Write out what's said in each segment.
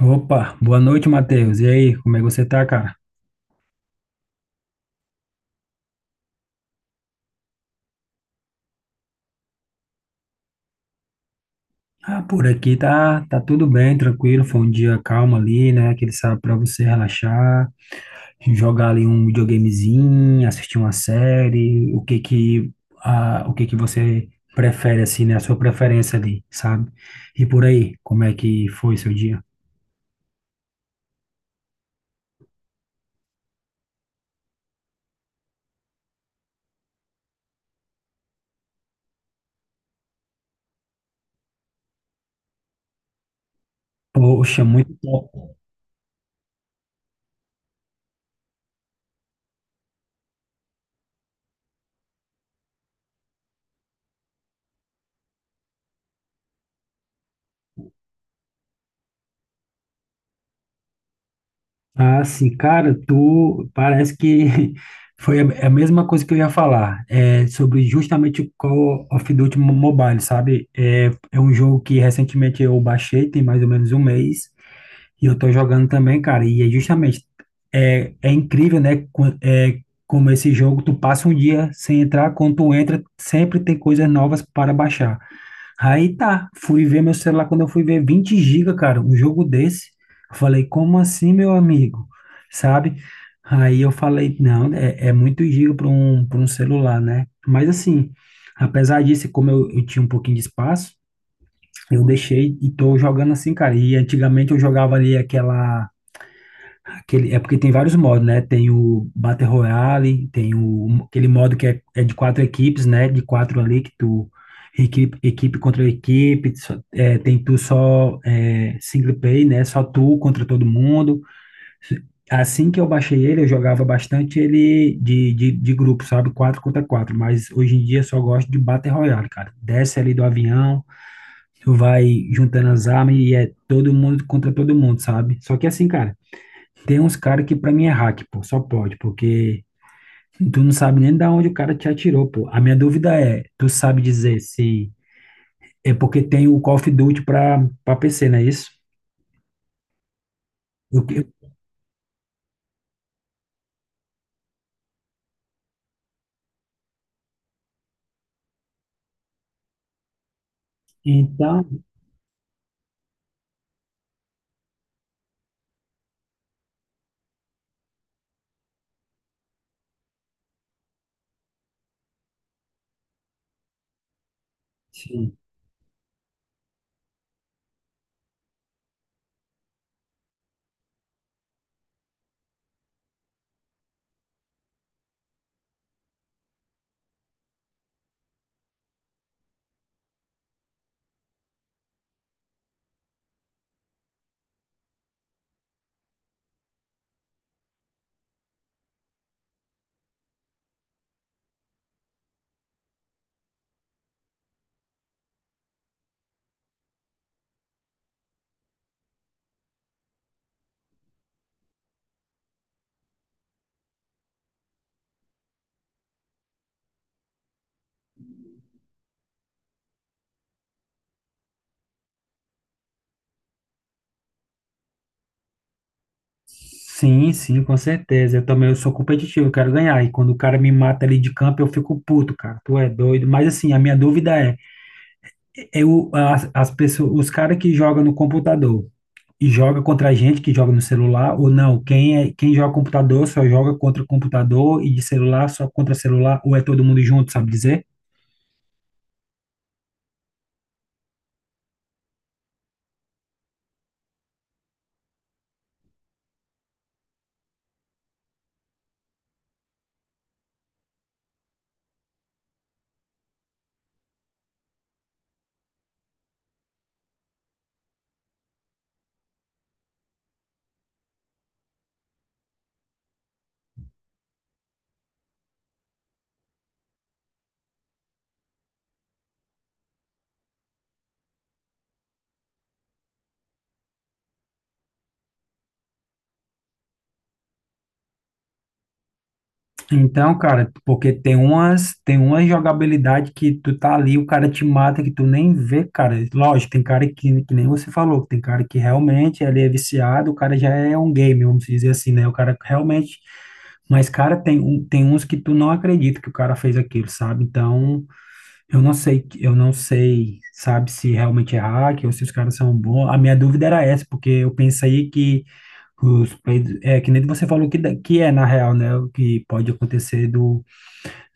Opa, boa noite, Matheus. E aí, como é que você tá, cara? Ah, por aqui tá, tudo bem, tranquilo. Foi um dia calmo ali, né? Aquele sábado pra você relaxar, jogar ali um videogamezinho, assistir uma série. O que que você prefere, assim, né? A sua preferência ali, sabe? E por aí, como é que foi seu dia? Poxa, muito top. Ah, sim, cara, tu parece que foi a mesma coisa que eu ia falar, é, sobre justamente o Call of Duty Mobile, sabe? É um jogo que recentemente eu baixei, tem mais ou menos um mês, e eu tô jogando também, cara, e é justamente, é incrível, né, é, como esse jogo, tu passa um dia sem entrar, quando tu entra, sempre tem coisas novas para baixar. Aí tá, fui ver meu celular quando eu fui ver 20 giga, cara, um jogo desse. Eu falei, como assim, meu amigo? Sabe? Aí eu falei, não, é muito giga para um celular, né? Mas assim, apesar disso, como eu tinha um pouquinho de espaço, eu deixei e tô jogando assim, cara. E antigamente eu jogava ali aquela aquele, é porque tem vários modos, né? Tem o Battle Royale, tem o, aquele modo que é de quatro equipes, né? De quatro ali que tu equipe contra equipe, é, tem tu só é, single play, né? Só tu contra todo mundo. Assim que eu baixei ele, eu jogava bastante ele de grupo, sabe? Quatro contra quatro, mas hoje em dia eu só gosto de Battle Royale, cara. Desce ali do avião, tu vai juntando as armas e é todo mundo contra todo mundo, sabe? Só que assim, cara. Tem uns caras que pra mim é hack, pô, só pode, porque tu não sabe nem da onde o cara te atirou, pô. A minha dúvida é, tu sabe dizer se é porque tem o Call of Duty pra PC, não é isso? Eu- eu- então, sim. Sim, sim, com certeza. Eu também eu sou competitivo, eu quero ganhar. E quando o cara me mata ali de campo, eu fico puto, cara. Tu é doido. Mas assim, a minha dúvida é, eu, as pessoas, os caras que jogam no computador, e joga contra a gente que joga no celular, ou não, quem é, quem joga computador só joga contra o computador e de celular só contra celular, ou é todo mundo junto, sabe dizer? Então, cara, porque tem umas, tem uma jogabilidade que tu tá ali, o cara te mata que tu nem vê, cara. Lógico, tem cara que nem você falou, tem cara que realmente ele é viciado, o cara já é um game, vamos dizer assim, né? O cara realmente, mas cara, tem uns que tu não acredita que o cara fez aquilo, sabe? Então, eu não sei, sabe, se realmente é hack ou se os caras são bons. A minha dúvida era essa, porque eu pensei que os peidos, é que nem você falou que, que é na real, né, o que pode acontecer do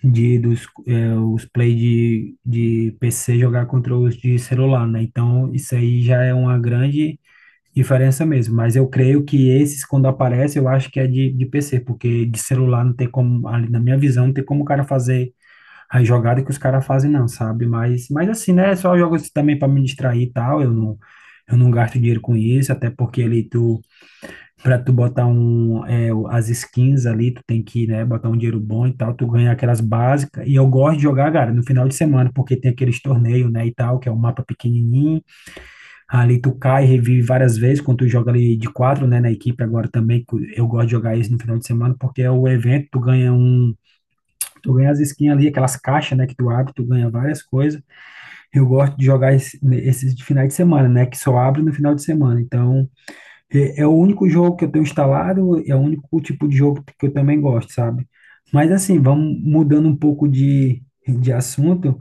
de dos é, os play de PC jogar contra os de celular, né? Então, isso aí já é uma grande diferença mesmo, mas eu creio que esses quando aparecem, eu acho que é de PC, porque de celular não tem como, ali na minha visão, não tem como o cara fazer a jogada que os caras fazem, não, sabe? Mas assim, né? Só jogos também para me distrair e tal. Eu não gasto dinheiro com isso, até porque ali tu, para tu botar um, as skins ali, tu tem que, né, botar um dinheiro bom e tal, tu ganha aquelas básicas. E eu gosto de jogar, cara, no final de semana, porque tem aqueles torneios, né, e tal, que é um mapa pequenininho. Ali tu cai e revive várias vezes quando tu joga ali de quatro, né, na equipe agora também. Eu gosto de jogar isso no final de semana, porque é o evento, tu ganha um. Tu ganha as skins ali, aquelas caixas, né, que tu abre, tu ganha várias coisas. Eu gosto de jogar esses de finais de semana, né, que só abre no final de semana. Então, é o único jogo que eu tenho instalado, é o único tipo de jogo que eu também gosto, sabe? Mas assim, vamos mudando um pouco de assunto,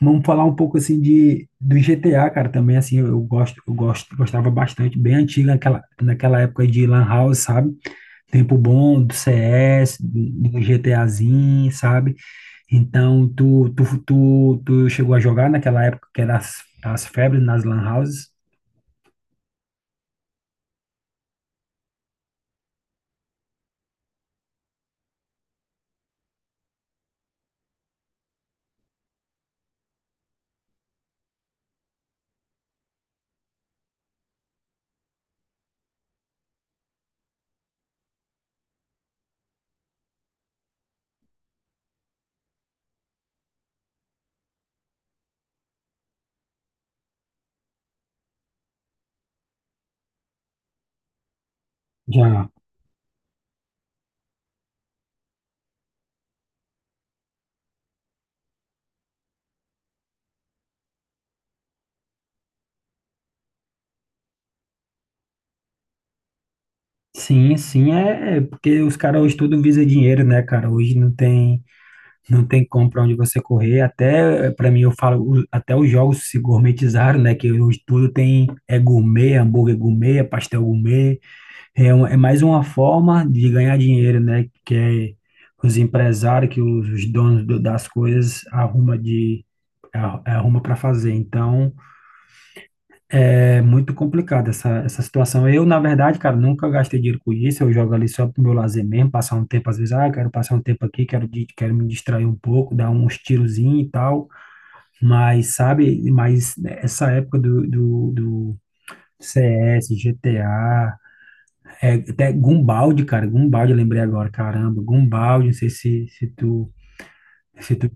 vamos falar um pouco assim de do GTA, cara, também assim, eu gosto, gostava bastante, bem antiga naquela época de Lan House, sabe? Tempo bom do CS, do GTAzinho, sabe? Então, tu chegou a jogar naquela época que era as febres nas lan houses? Já. Sim, sim, é porque os caras hoje tudo visa dinheiro, né, cara? Hoje não tem, não tem como pra onde você correr. Até, para mim, eu falo, até os jogos se gourmetizaram, né? Que hoje tudo tem, é gourmet, hambúrguer gourmet, é pastel gourmet. É, é mais uma forma de ganhar dinheiro, né? Que é os empresários, que os donos das coisas arruma arruma para fazer. Então, é muito complicado essa situação. Eu, na verdade, cara, nunca gastei dinheiro com isso. Eu jogo ali só pro meu lazer mesmo, passar um tempo, às vezes, ah, quero passar um tempo aqui, quero, quero me distrair um pouco, dar uns tirozinhos e tal. Mas, sabe, mas essa época do CS, GTA. É, até Gumbaldi, cara, Gumbaldi, eu lembrei agora, caramba, Gumbaldi, não sei se tu,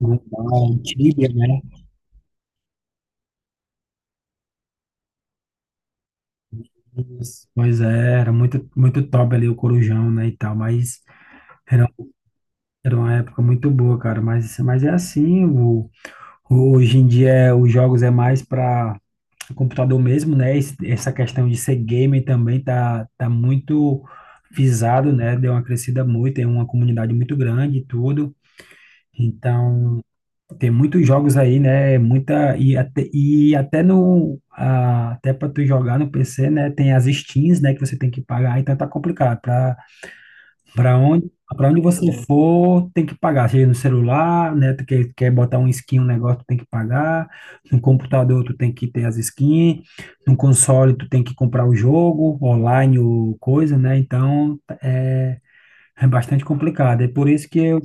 Gumbaldi, Tibia, né? Isso. Pois é, era muito, muito top ali o Corujão, né, e tal, mas era, era uma época muito boa, cara, mas é assim, o, hoje em dia os jogos é mais para computador mesmo, né, essa questão de ser gamer também tá, tá muito visado, né, deu uma crescida muito, tem uma comunidade muito grande e tudo, então... Tem muitos jogos aí, né? Muita e até, no até para tu jogar no PC, né? Tem as skins, né? Que você tem que pagar. Então tá complicado. Para para onde você for, tem que pagar. Seja no celular, né? Quer botar um skin, um negócio, tu tem que pagar. No computador, tu tem que ter as skins. No console, tu tem que comprar o jogo online ou coisa, né? Então é bastante complicado. É por isso que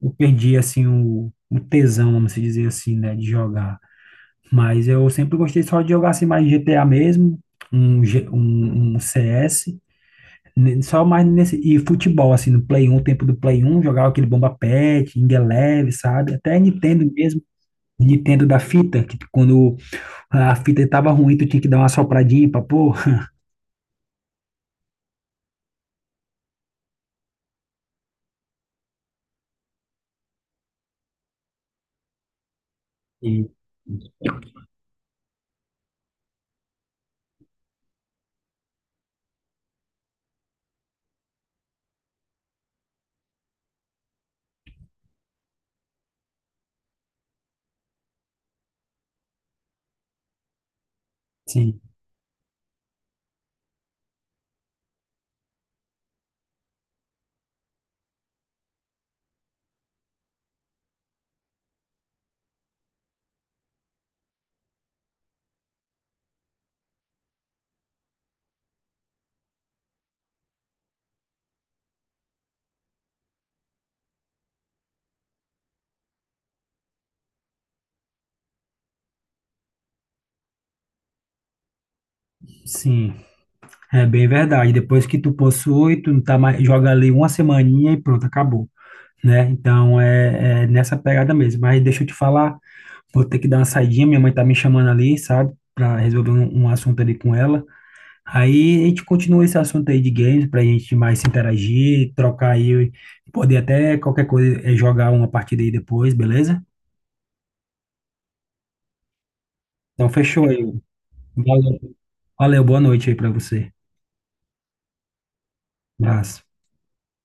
eu perdi assim o tesão, vamos dizer assim, né, de jogar. Mas eu sempre gostei só de jogar assim mais GTA mesmo, um CS, só mais nesse e futebol assim no Play um tempo do Play um jogava aquele Bomba pet Ing Eleven, sabe? Até Nintendo mesmo. Nintendo da fita, que quando a fita estava ruim, tu tinha que dar uma sopradinha pra pôr. E, sim, sim. É bem verdade. Depois que tu possui, tu não tá mais, joga ali uma semaninha e pronto, acabou, né? Então é nessa pegada mesmo. Mas deixa eu te falar, vou ter que dar uma saidinha, minha mãe tá me chamando ali, sabe? Pra resolver um assunto ali com ela. Aí a gente continua esse assunto aí de games, pra gente mais se interagir, trocar aí, poder até qualquer coisa, eh, jogar uma partida aí depois, beleza? Então fechou aí. Valeu, valeu boa noite aí pra você. Abraço.